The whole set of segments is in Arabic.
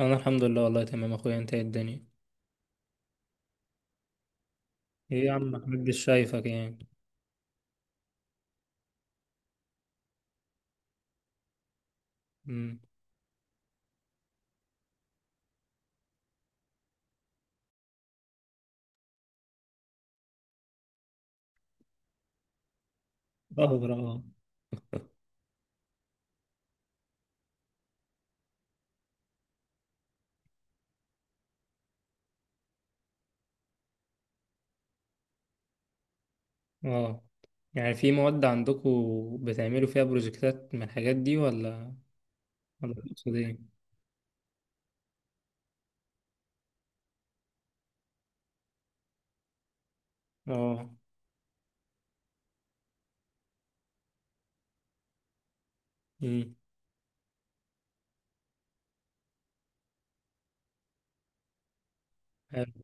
انا الحمد لله، والله تمام اخويا. انت إيه الدنيا؟ ايه يا عم محمد، مش شايفك يعني. امم ظهر. اه اه يعني في مواد عندكم بتعملوا فيها بروجكتات من الحاجات دي، ولا ولا تقصد ايه؟ اه امم، حلو.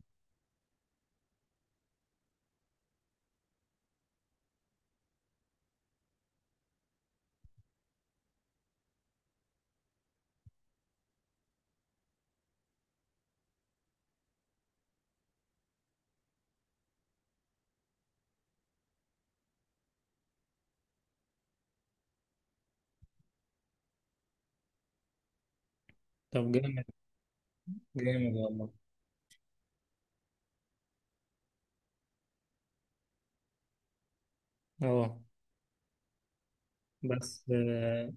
طب جامد. جامد والله. اه بس آه،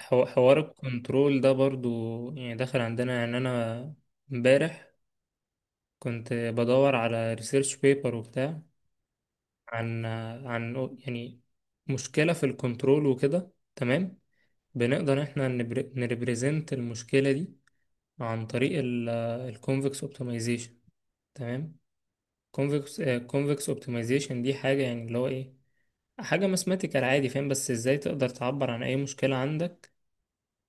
حوار الكنترول ده برضو يعني داخل عندنا. يعني انا امبارح كنت بدور على ريسيرش بيبر وبتاع، عن عن يعني مشكلة في الكنترول وكده، تمام. بنقدر احنا نريبريزنت المشكلة دي عن طريق الكونفكس اوبتمايزيشن، تمام. كونفكس كونفكس اوبتمايزيشن دي حاجة، يعني اللي هو ايه، حاجة ماثماتيكال عادي فاهم. بس ازاي تقدر تعبر عن اي مشكلة عندك،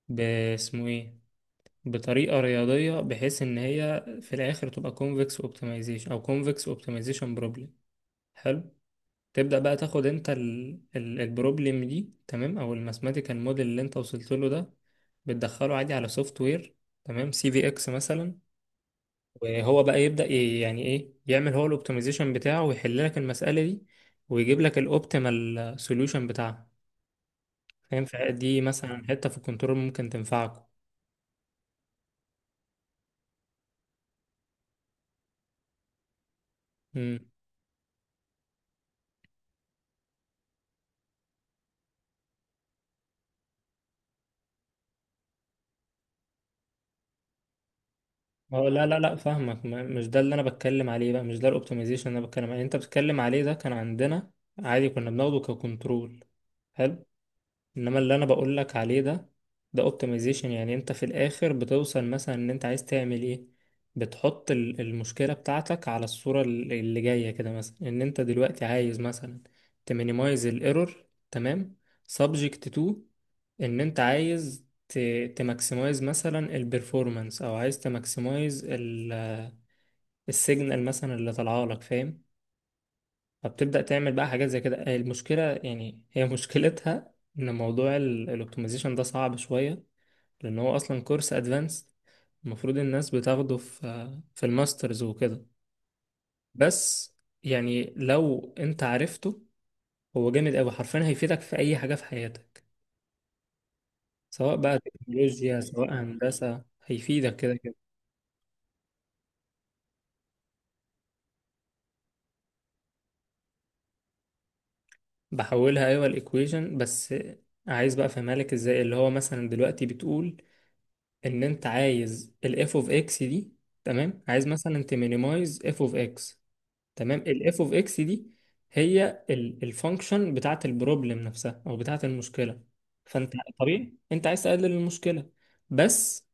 باسمه ايه، بطريقة رياضية بحيث ان هي في الاخر تبقى كونفكس اوبتمايزيشن او كونفكس اوبتمايزيشن بروبلم. حلو. تبدأ بقى تاخد انت البروبلم دي، تمام، او الماثماتيكال موديل اللي انت وصلت له ده، بتدخله عادي على سوفت وير، تمام، سي في اكس مثلا. وهو بقى يبدأ، يعني ايه، يعمل هو الاوبتمايزيشن بتاعه ويحل لك المسألة دي، ويجيب لك الاوبتيمال سوليوشن بتاعها، فاهم؟ فدي مثلا حتة في الكنترول ممكن تنفعكم. امم. هو لا لا لا، فاهمك. مش ده اللي انا بتكلم عليه بقى، مش ده الاوبتمايزيشن اللي انا بتكلم عليه. انت بتتكلم عليه ده كان عندنا عادي، كنا بناخده ككنترول. حلو. انما اللي انا بقول لك عليه ده، ده اوبتمايزيشن. يعني انت في الاخر بتوصل مثلا ان انت عايز تعمل ايه، بتحط المشكلة بتاعتك على الصورة اللي جاية كده، مثلا ان انت دلوقتي عايز مثلا تمينيمايز الايرور، تمام، سبجكت تو ان انت عايز تماكسمايز مثلا البرفورمانس، او عايز تماكسمايز السيجنال مثلا اللي طالعه لك، فاهم. فبتبدأ تعمل بقى حاجات زي كده. المشكلة يعني هي مشكلتها إن موضوع الأوبتمايزيشن ده صعب شوية، لأن هو أصلا كورس أدفانس. المفروض الناس بتاخده في الماسترز وكده. بس يعني لو أنت عرفته، هو جامد أوي، حرفيا هيفيدك في أي حاجة في حياتك، سواء بقى تكنولوجيا سواء هندسة، هيفيدك كده كده. بحولها أيوة، الإيكويشن بس. عايز بقى أفهمها لك إزاي. اللي هو مثلا دلوقتي بتقول ان انت عايز الاف اوف اكس دي، تمام، عايز مثلا تمينيمايز اف اوف اكس، تمام. الاف اوف اكس دي هي الفانكشن بتاعت البروبلم نفسها او بتاعت المشكله. فانت طبيعي انت عايز تقلل المشكله. بس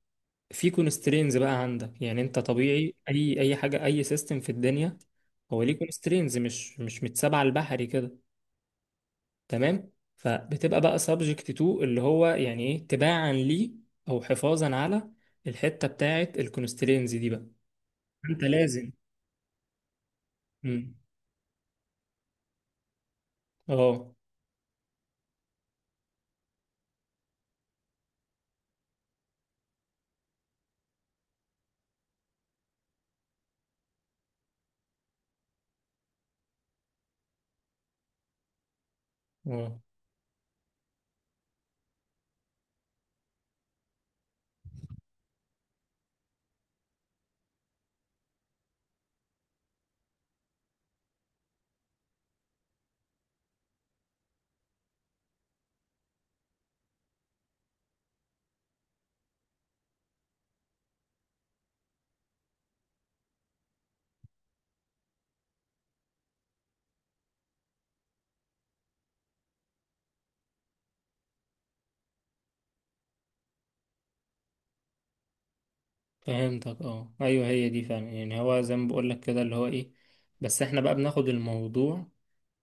في كونسترينز بقى عندك، يعني انت طبيعي، اي حاجه، اي سيستم في الدنيا، هو ليه كونسترينز، مش متسابعه البحري كده، تمام. فبتبقى بقى سبجكت تو اللي هو يعني ايه، تباعا ليه او حفاظا على الحته بتاعه الكونسترينز دي بقى، انت لازم. مم. اه. اه فهمتك، اه ايوه، هي دي فعلا. يعني هو زي ما بقول لك كده اللي هو ايه، بس احنا بقى بناخد الموضوع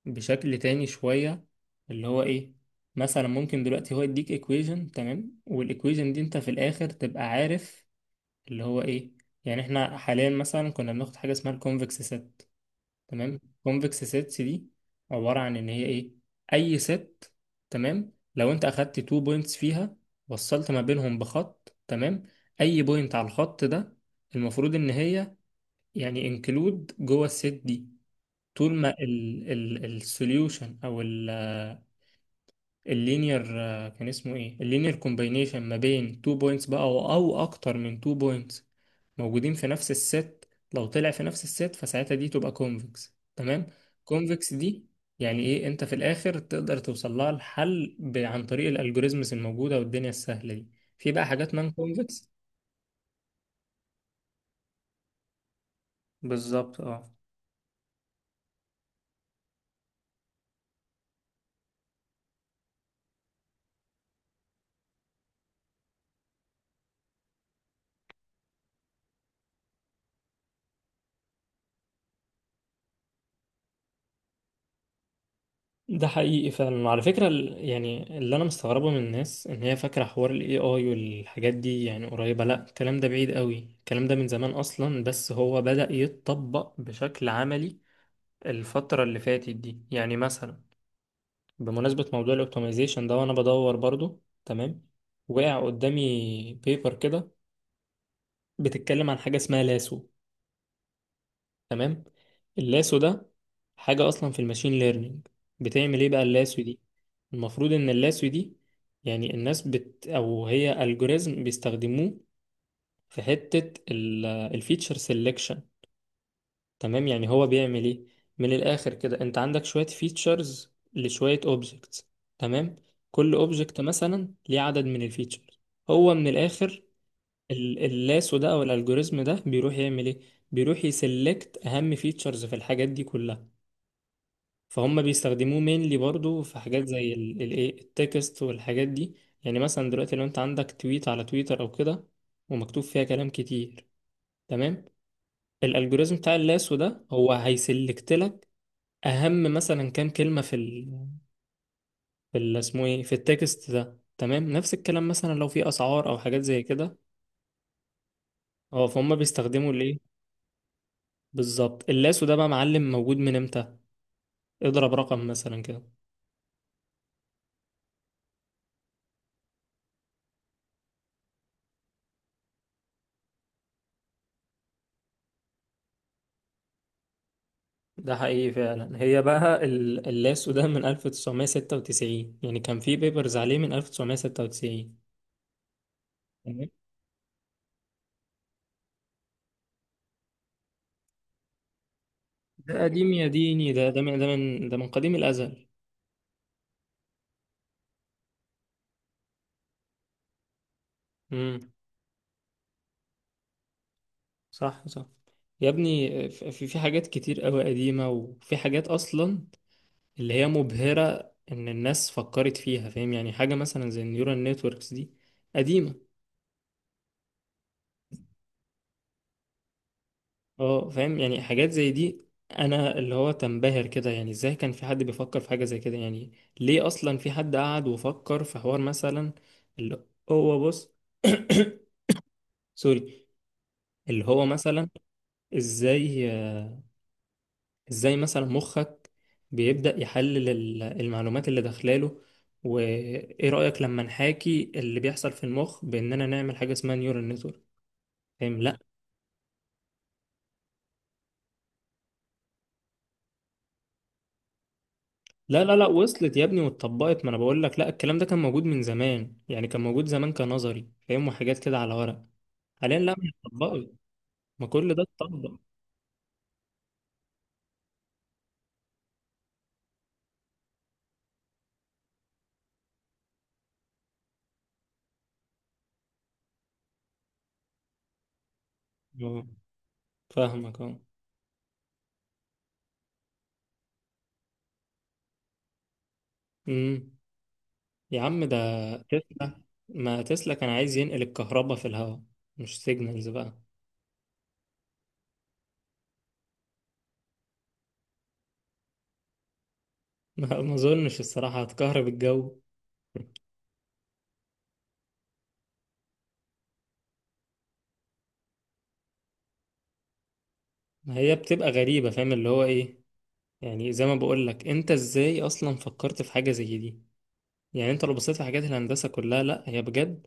بشكل تاني شويه، اللي هو ايه. مثلا ممكن دلوقتي هو يديك ايكويجن، تمام، والايكويجن دي انت في الاخر تبقى عارف اللي هو ايه. يعني احنا حاليا مثلا كنا بناخد حاجه اسمها الكونفكس ست، تمام. كونفكس سيتس دي عبارة عن ان هي ايه، اي ست، تمام، لو انت اخدت تو بوينتس فيها، وصلت ما بينهم بخط، تمام، اي بوينت على الخط ده المفروض ان هي يعني انكلود جوه الست دي، طول ما السوليوشن او اللينير، آه، كان اسمه ايه، اللينير كومباينيشن ما بين 2 بوينتس بقى، او اكتر من 2 بوينتس، موجودين في نفس الست. لو طلع في نفس الست فساعتها دي تبقى كونفكس، تمام. كونفكس دي يعني ايه، انت في الاخر تقدر توصل لها الحل عن طريق الالجوريزمز الموجوده والدنيا السهله دي. في بقى حاجات نون كونفكس. بالظبط، اه. ده حقيقي فعلا. وعلى فكرة يعني اللي أنا مستغربه من الناس إن هي فاكرة حوار ال AI والحاجات دي يعني قريبة، لأ. الكلام ده بعيد قوي، الكلام ده من زمان أصلا، بس هو بدأ يتطبق بشكل عملي الفترة اللي فاتت دي. يعني مثلا، بمناسبة موضوع الأوبتمايزيشن ده وأنا بدور برضو، تمام، وقع قدامي بيبر كده بتتكلم عن حاجة اسمها لاسو، تمام. اللاسو ده حاجة أصلا في الماشين ليرنينج. بتعمل إيه بقى اللاسو دي؟ المفروض إن اللاسو دي، يعني الناس أو هي ألجوريزم بيستخدموه في حتة الفيتشر سيلكشن، تمام. يعني هو بيعمل إيه، من الآخر كده، أنت عندك شوية فيتشرز لشوية أوبجكتس، تمام. كل أوبجكت مثلا ليه عدد من الفيتشرز. هو من الآخر، اللاسو ده أو الألجوريزم ده بيروح يعمل إيه، بيروح يسلكت أهم فيتشرز في الحاجات دي كلها. فهم بيستخدموه مينلي برضو في حاجات زي ايه، التكست والحاجات دي. يعني مثلا دلوقتي لو انت عندك تويت على تويتر او كده، ومكتوب فيها كلام كتير، تمام، الالجوريزم بتاع اللاسو ده هو هيسلكت لك اهم مثلا كام كلمة في اسمه ايه، في التكست ده، تمام. نفس الكلام مثلا لو في اسعار او حاجات زي كده. اه، فهم بيستخدموا الايه بالظبط. اللاسو ده بقى معلم موجود من امتى؟ اضرب رقم مثلا كده. ده حقيقي فعلا. هي بقى اللاسو ده من 1996، يعني كان في بيبرز عليه من 1996. مم. ده قديم يا ديني، ده من قديم الأزل. امم. صح صح. يا ابني في حاجات كتير قوي قديمة، وفي حاجات أصلا اللي هي مبهرة إن الناس فكرت فيها، فاهم. يعني حاجة مثلا زي النيورال نتوركس دي قديمة. اه. فاهم يعني حاجات زي دي. انا اللي هو تنبهر كده، يعني ازاي كان في حد بيفكر في حاجة زي كده، يعني ليه اصلا في حد قعد وفكر في حوار مثلا اللي هو، بص، سوري، اللي هو مثلا ازاي، مثلا مخك بيبدأ يحلل المعلومات اللي داخلاله، وايه رأيك لما نحاكي اللي بيحصل في المخ باننا نعمل حاجة اسمها نيورال نتورك، فاهم؟ لا لا لا لا، وصلت يا ابني واتطبقت. ما انا بقول لك، لا، الكلام ده كان موجود من زمان، يعني كان موجود زمان كنظري، فاهم، وحاجات كده على ورق. حاليا لا، مش اتطبقت. ما كل ده اتطبق. اه، فاهمك، اه. امم، يا عم ده تسلا. ما تسلا كان عايز ينقل الكهرباء في الهواء، مش سيجنالز بقى. ما اظنش الصراحة، هتكهرب الجو. ما هي بتبقى غريبة فاهم اللي هو ايه. يعني زي ما بقول لك، انت ازاي اصلا فكرت في حاجة زي دي. يعني انت لو بصيت في حاجات الهندسة كلها، لا هي بجد،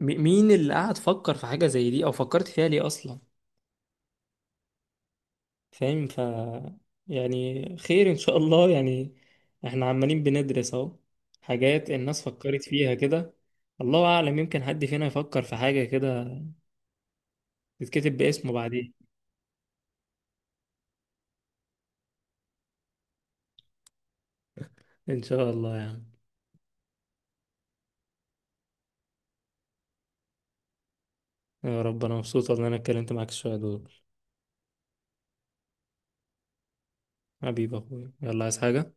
مين اللي قعد فكر في حاجة زي دي، او فكرت فيها ليه اصلا، فاهم. ف يعني خير ان شاء الله. يعني احنا عمالين بندرس اهو حاجات الناس فكرت فيها كده. الله اعلم يمكن حد فينا يفكر في حاجة كده تتكتب باسمه بعدين. ان شاء الله يعني. يا رب، انا مبسوط والله إن انا اتكلمت معاك شوية دول. حبيبي يا اخويا، يلا، عايز حاجة؟